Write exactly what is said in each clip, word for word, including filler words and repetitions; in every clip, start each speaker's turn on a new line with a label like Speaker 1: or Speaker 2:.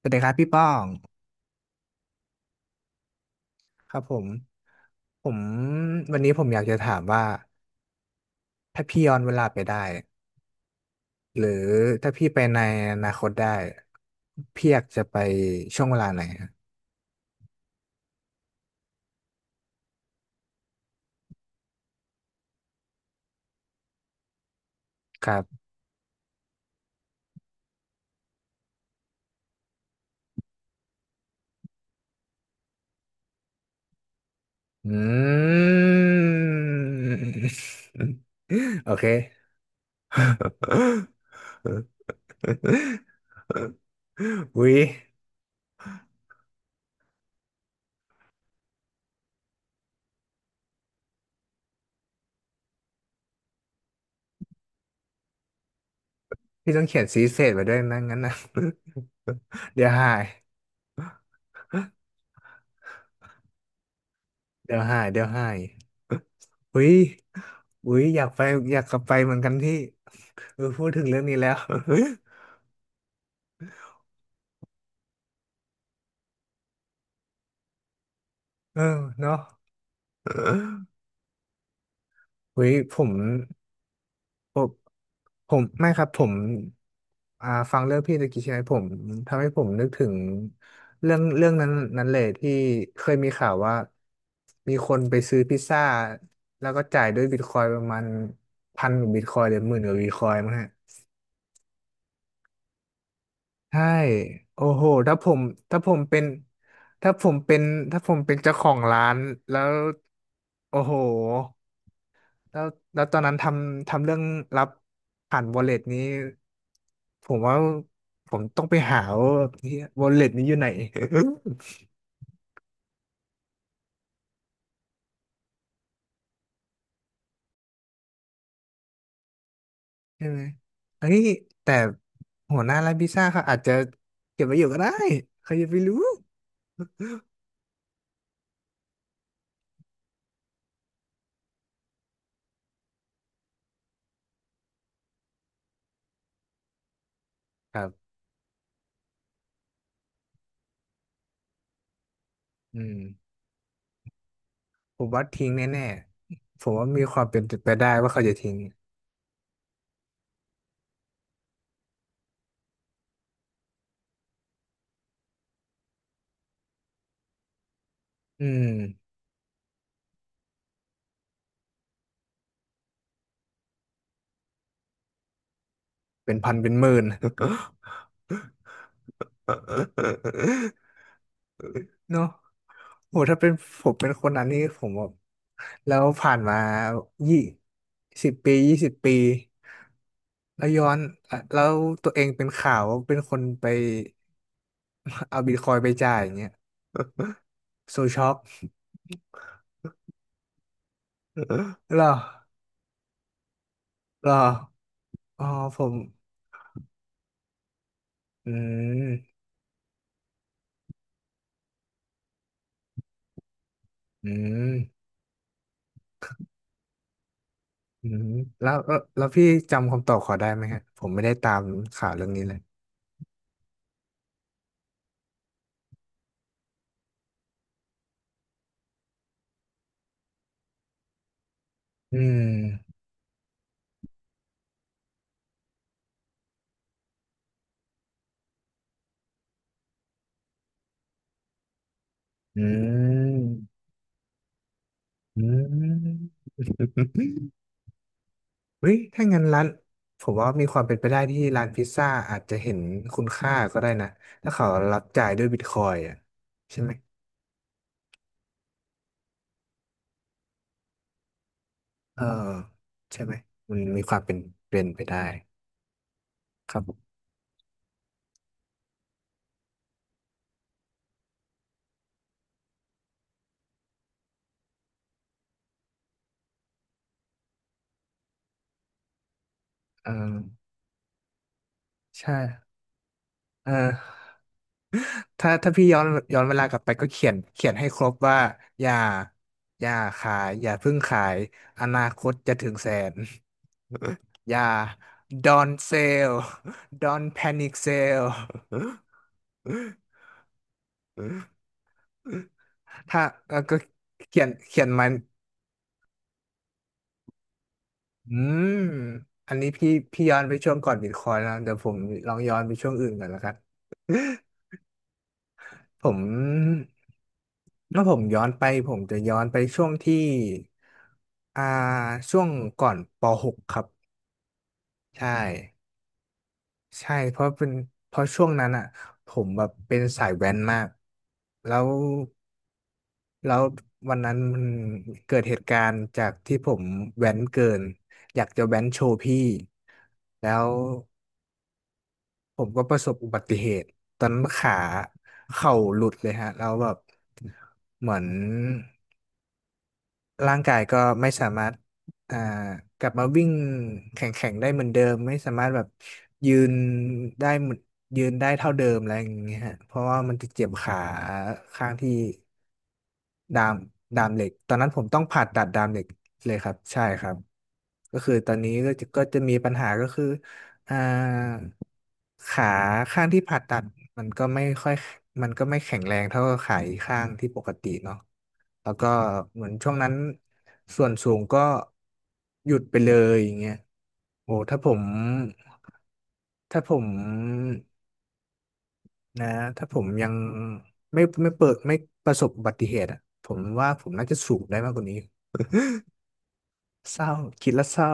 Speaker 1: สวัสดีครับพี่ป้องครับผมผมวันนี้ผมอยากจะถามว่าถ้าพี่ย้อนเวลาไปได้หรือถ้าพี่ไปในอนาคตได้พี่อยากจะไปช่วงเวลาไหนครับครับอืม โอเค อุ๊ยพี่ต้องเขียนซีเสร็จไว้ด้วยนะงั้นนะ เดี๋ยวหายเดี๋ยวหายเดี๋ยวหาย อุ้ยอุ้ยอยากไปอยากกลับไปเหมือนกันที่เออพูดถึงเรื่องนี้แล้ว เออเนาะอุ้ยผมผมผมไม่ครับผมอ่าฟังเรื่องพี่ตะกี้ใช่ไหมผมทำให้ผมนึกถึงเรื่องเรื่องนั้นนั้นเลยที่เคยมีข่าวว่ามีคนไปซื้อพิซซ่าแล้วก็จ่ายด้วยบิตคอยน์ประมาณพันกว่าบิตคอยน์หรือหมื่นกว่าบิตคอยน์มั้งฮะ ใช่โอ้โหถ้าผมถ้าผมเป็นถ้าผมเป็นถ้าผมเป็นเจ้าของร้านแล้วโอ้โหแล้วแล้วตอนนั้นทำทำเรื่องรับผ่าน wallet นี้ผมว่าผมต้องไปหาว่าที่ wallet นี้อยู่ไหน ใช่ไหมเฮ้ยแต่หัวหน้าร้านพิซซ่าเขาอาจจะเก็บไว้อยู่ก็ได้ใครจะไปรู้ครับอืมผมว่าทิ้งแน่ๆผมว่ามีความเป็นไปได้ว่าเขาจะทิ้งอืม เป็นพันเป็นหมื่น เนาะโหถ้าเป็นผมเป็นคนนั้นนี่ผมแบบแล้วผ่านมายี่สิบปียี่สิบปีแล้วย้อนอ่ะแล้วตัวเองเป็นข่าวว่าเป็นคนไป เอาบิตคอยน์ไปจ่ายอย่างเงี้ย โซช็อกหรอหรออ๋อผมอืมอืมอืมแล้วแล้วแล้วพี่จำคำตอบเขอได้ไหมฮะผมไม่ได้ตามข่าวเรื่องนี้เลยอืมอืม อืม เฮ้ยถ้างั้นร้านผมว่ามีความเป็นไปได้ที่ร้านพิซซ่าอาจจะเห็นคุณค่าก็ได้นะถ้าเขารับจ่ายด้วยบิตคอยอ่ะใช่ไหมเออใช่ไหมมันมีความเป็นเป็นไปได้ครับผมเออใช่เออถ้าถ้าพี่ย้อนย้อนเวลากลับไปก็เขียนเขียนให้ครบว่าอย่าอย่าขายอย่าเพิ่งขายอนาคตจะถึงแสนอย่า don't sell don't panic sell ถ้าเอ่อก็เขียนเขียนมันอืมอันนี้พี่พี่ย้อนไปช่วงก่อนบิตคอยน์นะเดี๋ยวผมลองย้อนไปช่วงอื่นก่อนแล้วกันผมถ้าผมย้อนไปผมจะย้อนไปช่วงที่อ่าช่วงก่อนปหกครับใช่ใช่เพราะเป็นเพราะช่วงนั้นอ่ะผมแบบเป็นสายแว้นมากแล้ว แล้ววันนั้นมันเกิดเหตุการณ์จากที่ผมแว้นเกินอยากจะแว้นโชว์พี่แล้วผมก็ประสบอุบัติเหตุตอนนั้นขาเข่าหลุดเลยฮะแล้วแบบเหมือน ร่างกายก็ไม่สามารถอ่ากลับมาวิ่งแข่งแข่งได้เหมือนเดิมไม่สามารถแบบยืนได้เหมือนยืนได้เท่าเดิมอะไรอย่างเงี้ยฮะเพราะว่ามันจะเจ็บขาข้างที่ดามดามเหล็กตอนนั้นผมต้องผ่าตัดดามเหล็กเลยครับใช่ครับก็คือตอนนี้ก็จะก็จะมีปัญหาก็คืออ่าขาข้างที่ผ่าตัดมันก็ไม่ค่อยมันก็ไม่แข็งแรงเท่ากับขาอีกข้างที่ปกติเนาะ แล้วก็เหมือนช่วงนั้นส่วนสูงก็หยุดไปเลยอย่างเงี้ยโอ้ถ้าผมถ้าผมนะถ้าผมยังไม่ไม่เปิดไม่ประสบอุบัติเหตุอะผมว่าผมน่าจะสูงได้มากกว่านี้เศร้าคิดแล้วเศร้า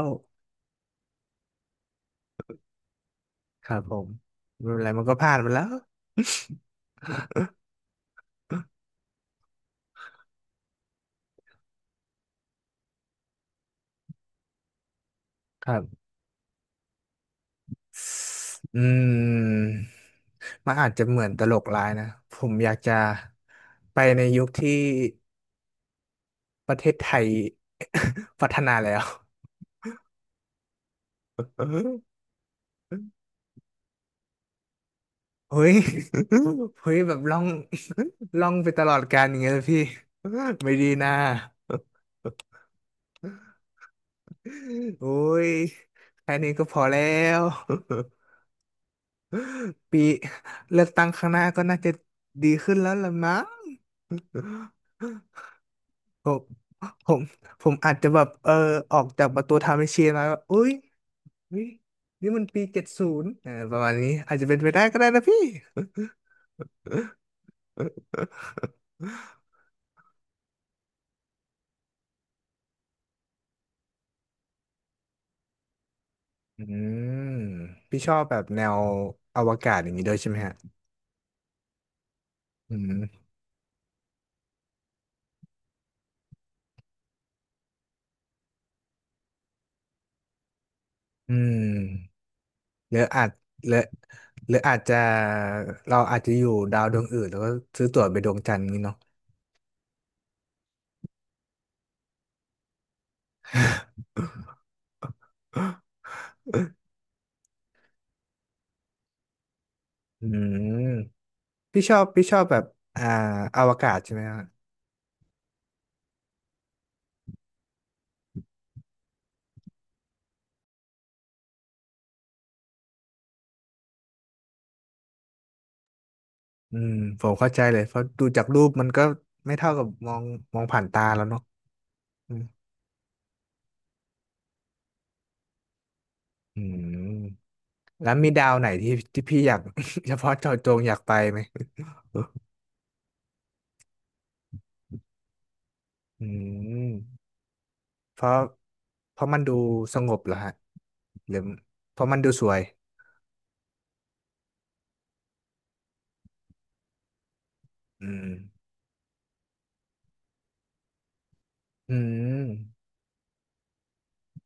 Speaker 1: ครับผมไม่เป็นไรมันก็ผ่านไปแล้วครับอืมมันอาจจะเหมือนตลกร้ายนะผมอยากจะไปในยุคที่ ประเทศไทย พัฒนาแล้วเฮ้ยเฮ้ยแบบล่องล่องไปตลอดกาลอย่างเงี้ยเลยพี่ไม่ดีนะโอ้ยแค่นี้ก็พอแล้วปีเลือกตั้งข้างหน้าก็น่าจะดีขึ้นแล้วล่ะมั้งผมผมผมอาจจะแบบเออออกจากประตูทาเมเชียมาว่าอุ้ยอุ๊ยนี่มันปีเจ็ดศูนย์ประมาณนี้อาจจะเป็นไปได้ก็ได้นะพี่ อืมพี่ชอบแบบแนวอวกาศอย่างนี้ด้วยใช่ไหมฮะอืมอืมหรืออาจหรือหรืออาจจะเราอาจจะอยู่ดาวดวงอื่นแล้วก็ซื้อตั๋วไปดวงจันทร์นี้เนาะ อืมพี่ชอบพี่ชอบแบบอ่าอวกาศใช่ไหมฮะอืมผมเข้าใจเลยเพราะดูจากรูปมันก็ไม่เท่ากับมองมองผ่านตาแล้วเนาะอืมอืมแล้วมีดาวไหนที่ที่พี่อยาก เฉพาะเจาะจงอยากไปไหม อืมเพราะเพราะมันดูสงบเหรอฮะหรือเพราะมันดูสวยอืมอืม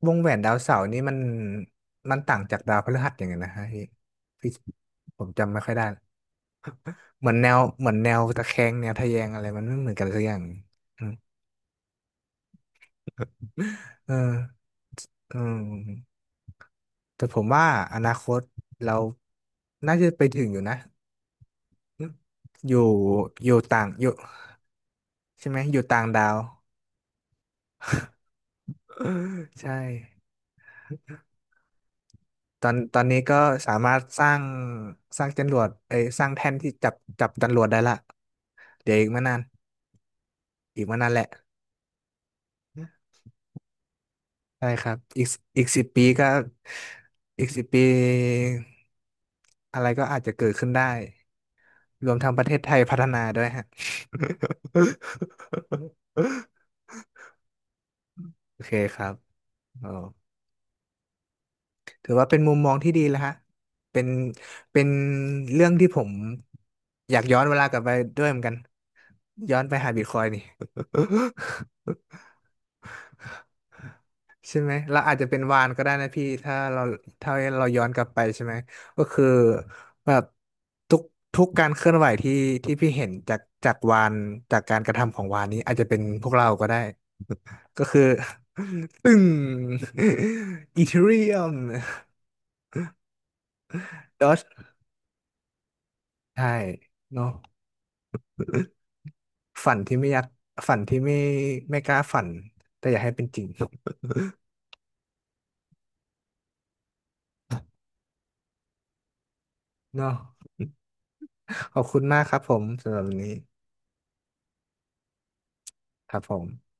Speaker 1: วงแหวนดาวเสาร์นี่มันมันต่างจากดาวพฤหัสยังไงนะฮะพี่พี่ผมจำไม่ค่อยได้เหมือนแนวเหมือนแนวตะแคงแนวทะแยงอะไรมันไม่เหมือนกันสักอย่าง อืมเอออืมแต่ผมว่าอนาคตเราน่าจะไปถึงอยู่นะอยู่อยู่ต่างอยู่ใช่ไหมอยู่ต่างดาว ใช่ ตอนตอนนี้ก็สามารถสร้างสร้างจรวดเอ้ยสร้างแท่นที่จับจับจรวดได้ละเดี๋ยวอีกไม่นานอีกไม่นานแหละใช่ครับอีกอีกสิบปีก็อีกสิบปีอะไรก็อาจจะเกิดขึ้นได้รวมทั้งประเทศไทยพัฒนาด้วยฮะ โอเคครับอ๋อ ถือว่าเป็นมุมมองที่ดีแล้วฮะเป็นเป็นเรื่องที่ผมอยากย้อนเวลากลับไปด้วยเหมือนกัน ย้อนไปหาบิตคอยน์นี่ ใช่ไหมเราอาจจะเป็นวานก็ได้นะพี่ถ้าเราถ้าเราย้อนกลับไปใช่ไหม ก็คือแบบทุกทุกการเคลื่อนไหวที่ที่พี่เห็นจากจากวานจากการกระทำของวานนี้อาจจะเป็นพวกเราก็ได้ ก็คือ ตึ้ง อีเทเรียมดอ ใช่เนาะ ฝันที่ไม่อยากฝันที่ไม่ไม่กล้าฝันแต่อยากให้เป็นจริงเนาะขอบคุณมากครับผมสำหรับวันนี้ครับผม